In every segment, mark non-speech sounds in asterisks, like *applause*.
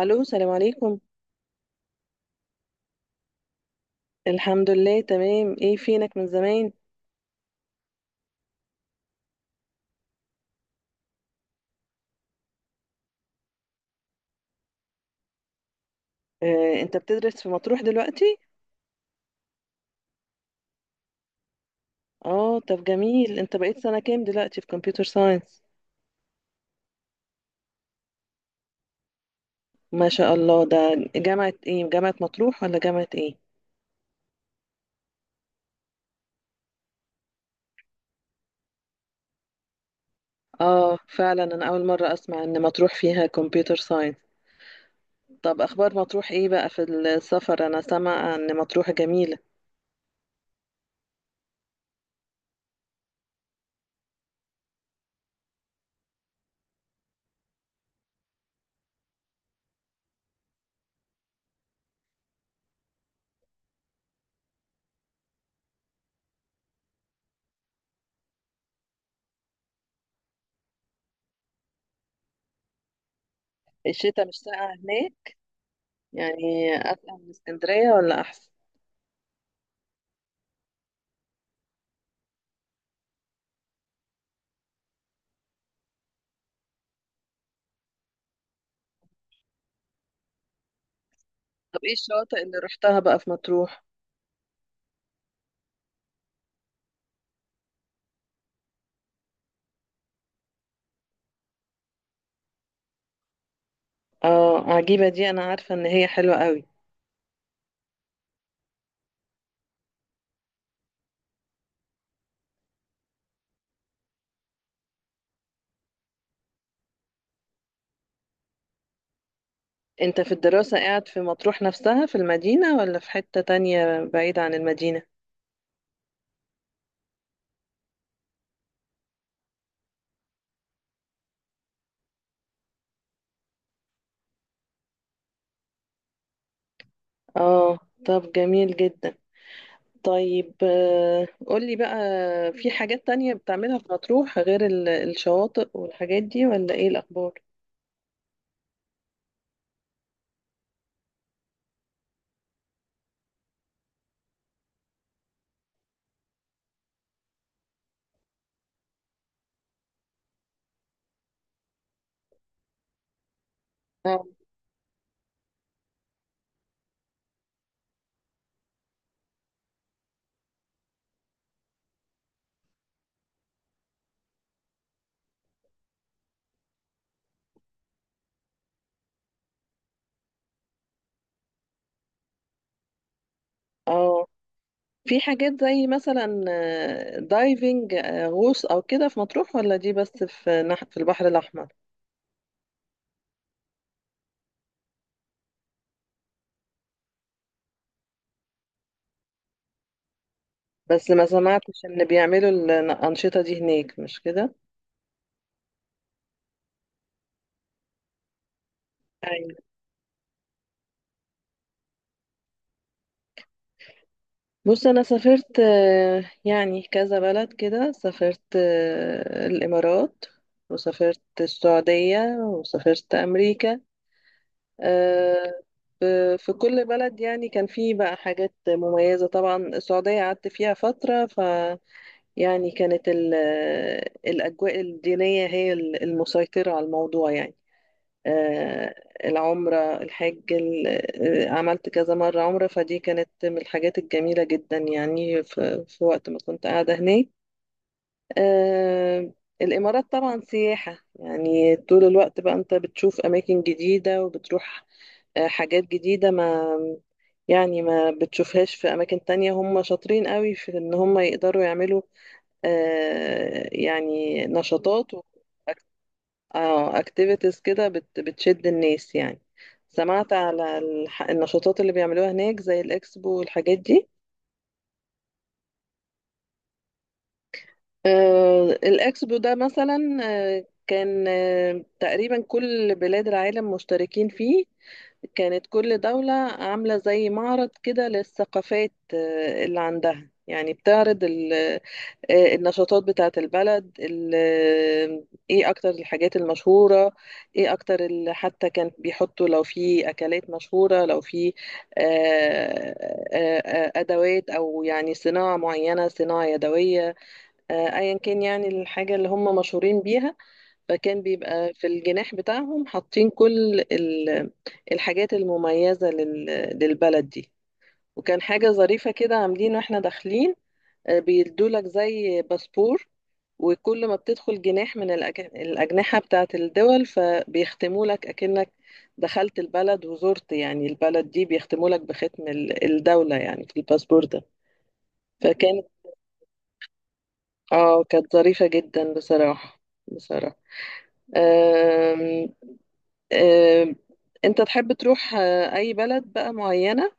الو، سلام عليكم. الحمد لله، تمام. ايه فينك من زمان؟ انت بتدرس في مطروح دلوقتي؟ اه طب جميل، انت بقيت سنة كام دلوقتي في كمبيوتر ساينس؟ ما شاء الله. ده جامعة ايه، جامعة مطروح ولا جامعة ايه؟ اه فعلا، انا اول مرة اسمع ان مطروح فيها كمبيوتر ساينس. طب اخبار مطروح ايه بقى في السفر؟ انا سامعة ان مطروح جميلة. الشتاء مش ساقعة هناك؟ يعني اتقل من اسكندرية ولا احسن؟ طب ايه الشواطئ اللي رحتها بقى في مطروح؟ اه، عجيبة دي انا عارفة ان هي حلوة قوي. انت في الدراسة قاعد في مطروح نفسها في المدينة ولا في حتة تانية بعيدة عن المدينة؟ اه. طب جميل جدا. طيب قولي بقى، في حاجات تانية بتعملها في مطروح غير الشواطئ والحاجات دي؟ ولا ايه الاخبار؟ آه. اه، في حاجات زي مثلا دايفنج غوص او كده في مطروح؟ ولا دي بس في في البحر الاحمر؟ بس ما سمعتش ان بيعملوا الانشطة دي هناك، مش كده؟ بص، انا سافرت يعني كذا بلد كده. سافرت الامارات، وسافرت السعودية، وسافرت امريكا. آه، ف- في كل بلد يعني كان فيه بقى حاجات مميزة. طبعا السعودية قعدت فيها فترة ف، يعني كانت الاجواء الدينية هي المسيطرة على الموضوع يعني. آه، العمرة، الحج، عملت كذا مرة عمرة، فدي كانت من الحاجات الجميلة جدا يعني في وقت ما كنت قاعدة هناك. آه، الإمارات طبعا سياحة، يعني طول الوقت بقى أنت بتشوف أماكن جديدة وبتروح حاجات جديدة. ما يعني ما بتشوفهاش في أماكن تانية. هم شاطرين قوي في إن هم يقدروا يعملوا يعني نشاطات. اه، اكتيفيتيز كده، بتشد الناس يعني. سمعت على النشاطات اللي بيعملوها هناك زي الاكسبو والحاجات دي. آه، الاكسبو ده مثلا، آه كان آه تقريبا كل بلاد العالم مشتركين فيه. كانت كل دولة عاملة زي معرض كده للثقافات اللي عندها، يعني بتعرض النشاطات بتاعة البلد ايه اكتر الحاجات المشهورة، ايه اكتر حتى كان بيحطوا لو في اكلات مشهورة، لو في ادوات، او يعني صناعة معينة، صناعة يدوية، ايا كان، يعني الحاجة اللي هم مشهورين بيها. فكان بيبقى في الجناح بتاعهم حاطين كل الحاجات المميزة للبلد دي. وكان حاجة ظريفة كده عاملين، واحنا داخلين بيدولك زي باسبور، وكل ما بتدخل جناح من الأجنحة بتاعت الدول فبيختموا لك أكنك دخلت البلد وزرت يعني البلد دي. بيختموا لك بختم الدولة يعني في الباسبور ده. فكانت، اه كانت ظريفة جدا بصراحة، بصراحة. آه، انت تحب تروح اي بلد بقى معينة؟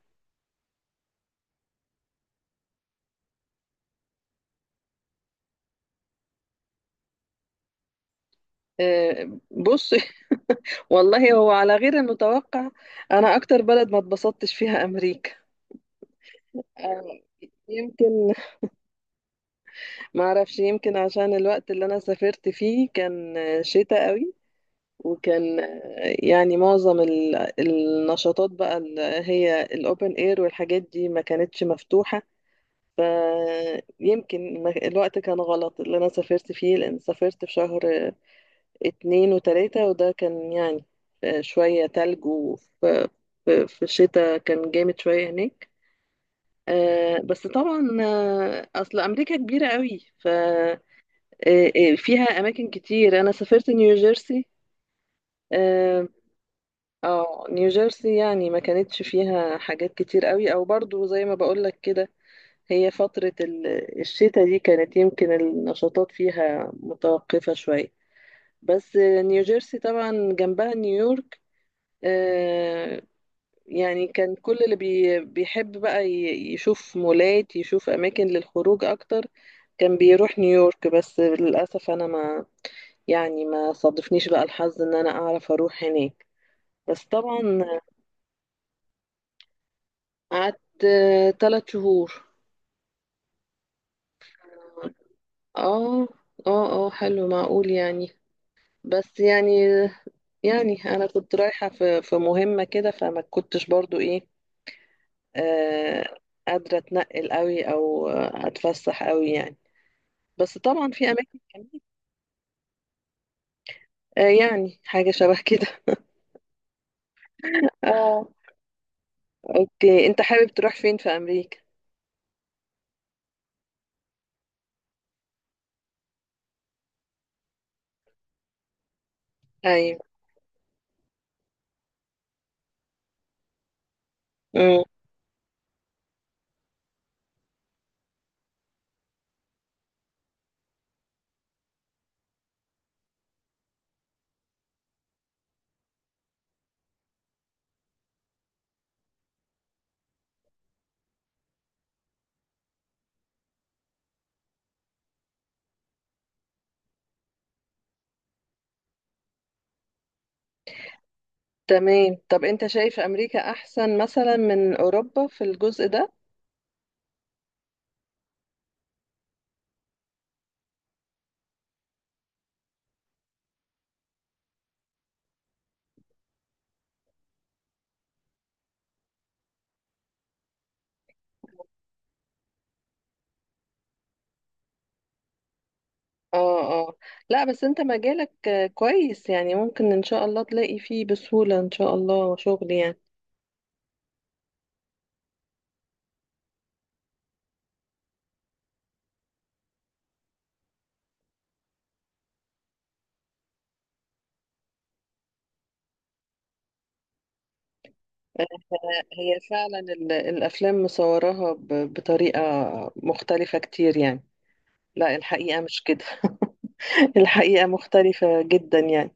بص. *laughs* والله هو على غير المتوقع، انا اكتر بلد ما اتبسطتش فيها امريكا. آه، يمكن ما اعرفش، يمكن عشان الوقت اللي انا سافرت فيه كان شتاء قوي، وكان يعني معظم النشاطات بقى اللي هي الاوبن اير والحاجات دي ما كانتش مفتوحة. فيمكن الوقت كان غلط اللي انا سافرت فيه، لان سافرت في شهر 2 و3. وده كان يعني شوية تلج. وفي في الشتاء كان جامد شوية هناك. بس طبعا أصل أمريكا كبيرة قوي، ففيها أماكن كتير. أنا سافرت نيوجيرسي. اه، نيوجيرسي يعني ما كانتش فيها حاجات كتير قوي، أو برضو زي ما بقولك كده، هي فترة الشتاء دي كانت يمكن النشاطات فيها متوقفة شوية. بس نيوجيرسي طبعا جنبها نيويورك. آه، يعني كان كل اللي بيحب بقى يشوف مولات، يشوف أماكن للخروج أكتر، كان بيروح نيويورك. بس للأسف أنا ما، يعني ما صادفنيش بقى الحظ إن أنا أعرف أروح هناك. بس طبعا. قعدت 3 شهور. اه. اه، اه، حلو معقول يعني. بس يعني، يعني انا كنت رايحه في مهمه كده، فما كنتش برضو ايه، آه، قادره اتنقل قوي او اتفسح قوي يعني. بس طبعا في اماكن كمان. آه، يعني حاجه شبه كده. اه. *laughs* اوكي، انت حابب تروح فين في امريكا؟ ايوه. امم تمام. طب انت شايف امريكا احسن مثلا من اوروبا في الجزء ده؟ اه. اه. لا، بس انت مجالك كويس، يعني ممكن ان شاء الله تلاقي فيه بسهوله ان شاء الله شغل يعني. هي فعلا الافلام مصوراها بطريقه مختلفه كتير يعني. لا، الحقيقه مش كده. *laughs* الحقيقه مختلفه جدا يعني.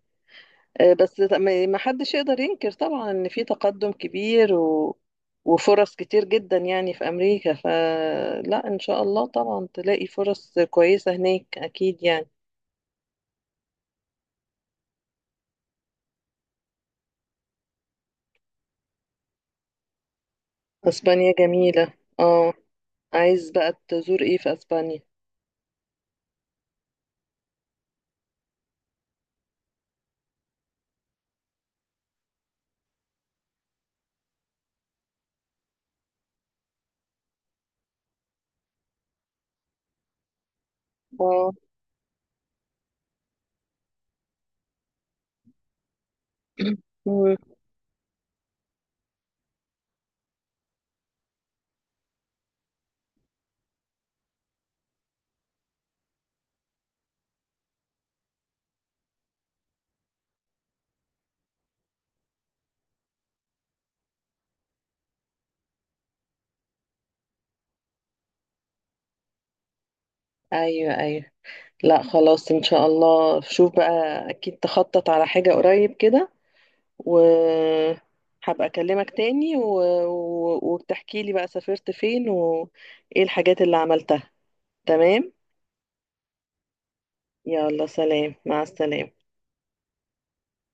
بس ما حدش يقدر ينكر طبعا ان في تقدم كبير و... وفرص كتير جدا يعني في امريكا. فلا ان شاء الله طبعا تلاقي فرص كويسة هناك اكيد يعني. اسبانيا جميلة. اه. عايز بقى تزور ايه في اسبانيا؟ اه. *coughs* مم. ايوه، ايوه. لا خلاص، ان شاء الله شوف بقى. اكيد تخطط على حاجة قريب كده، وهبقى أكلمك تاني و... و... وبتحكي لي بقى سافرت فين وإيه الحاجات اللي عملتها. تمام. يلا سلام، مع السلامة.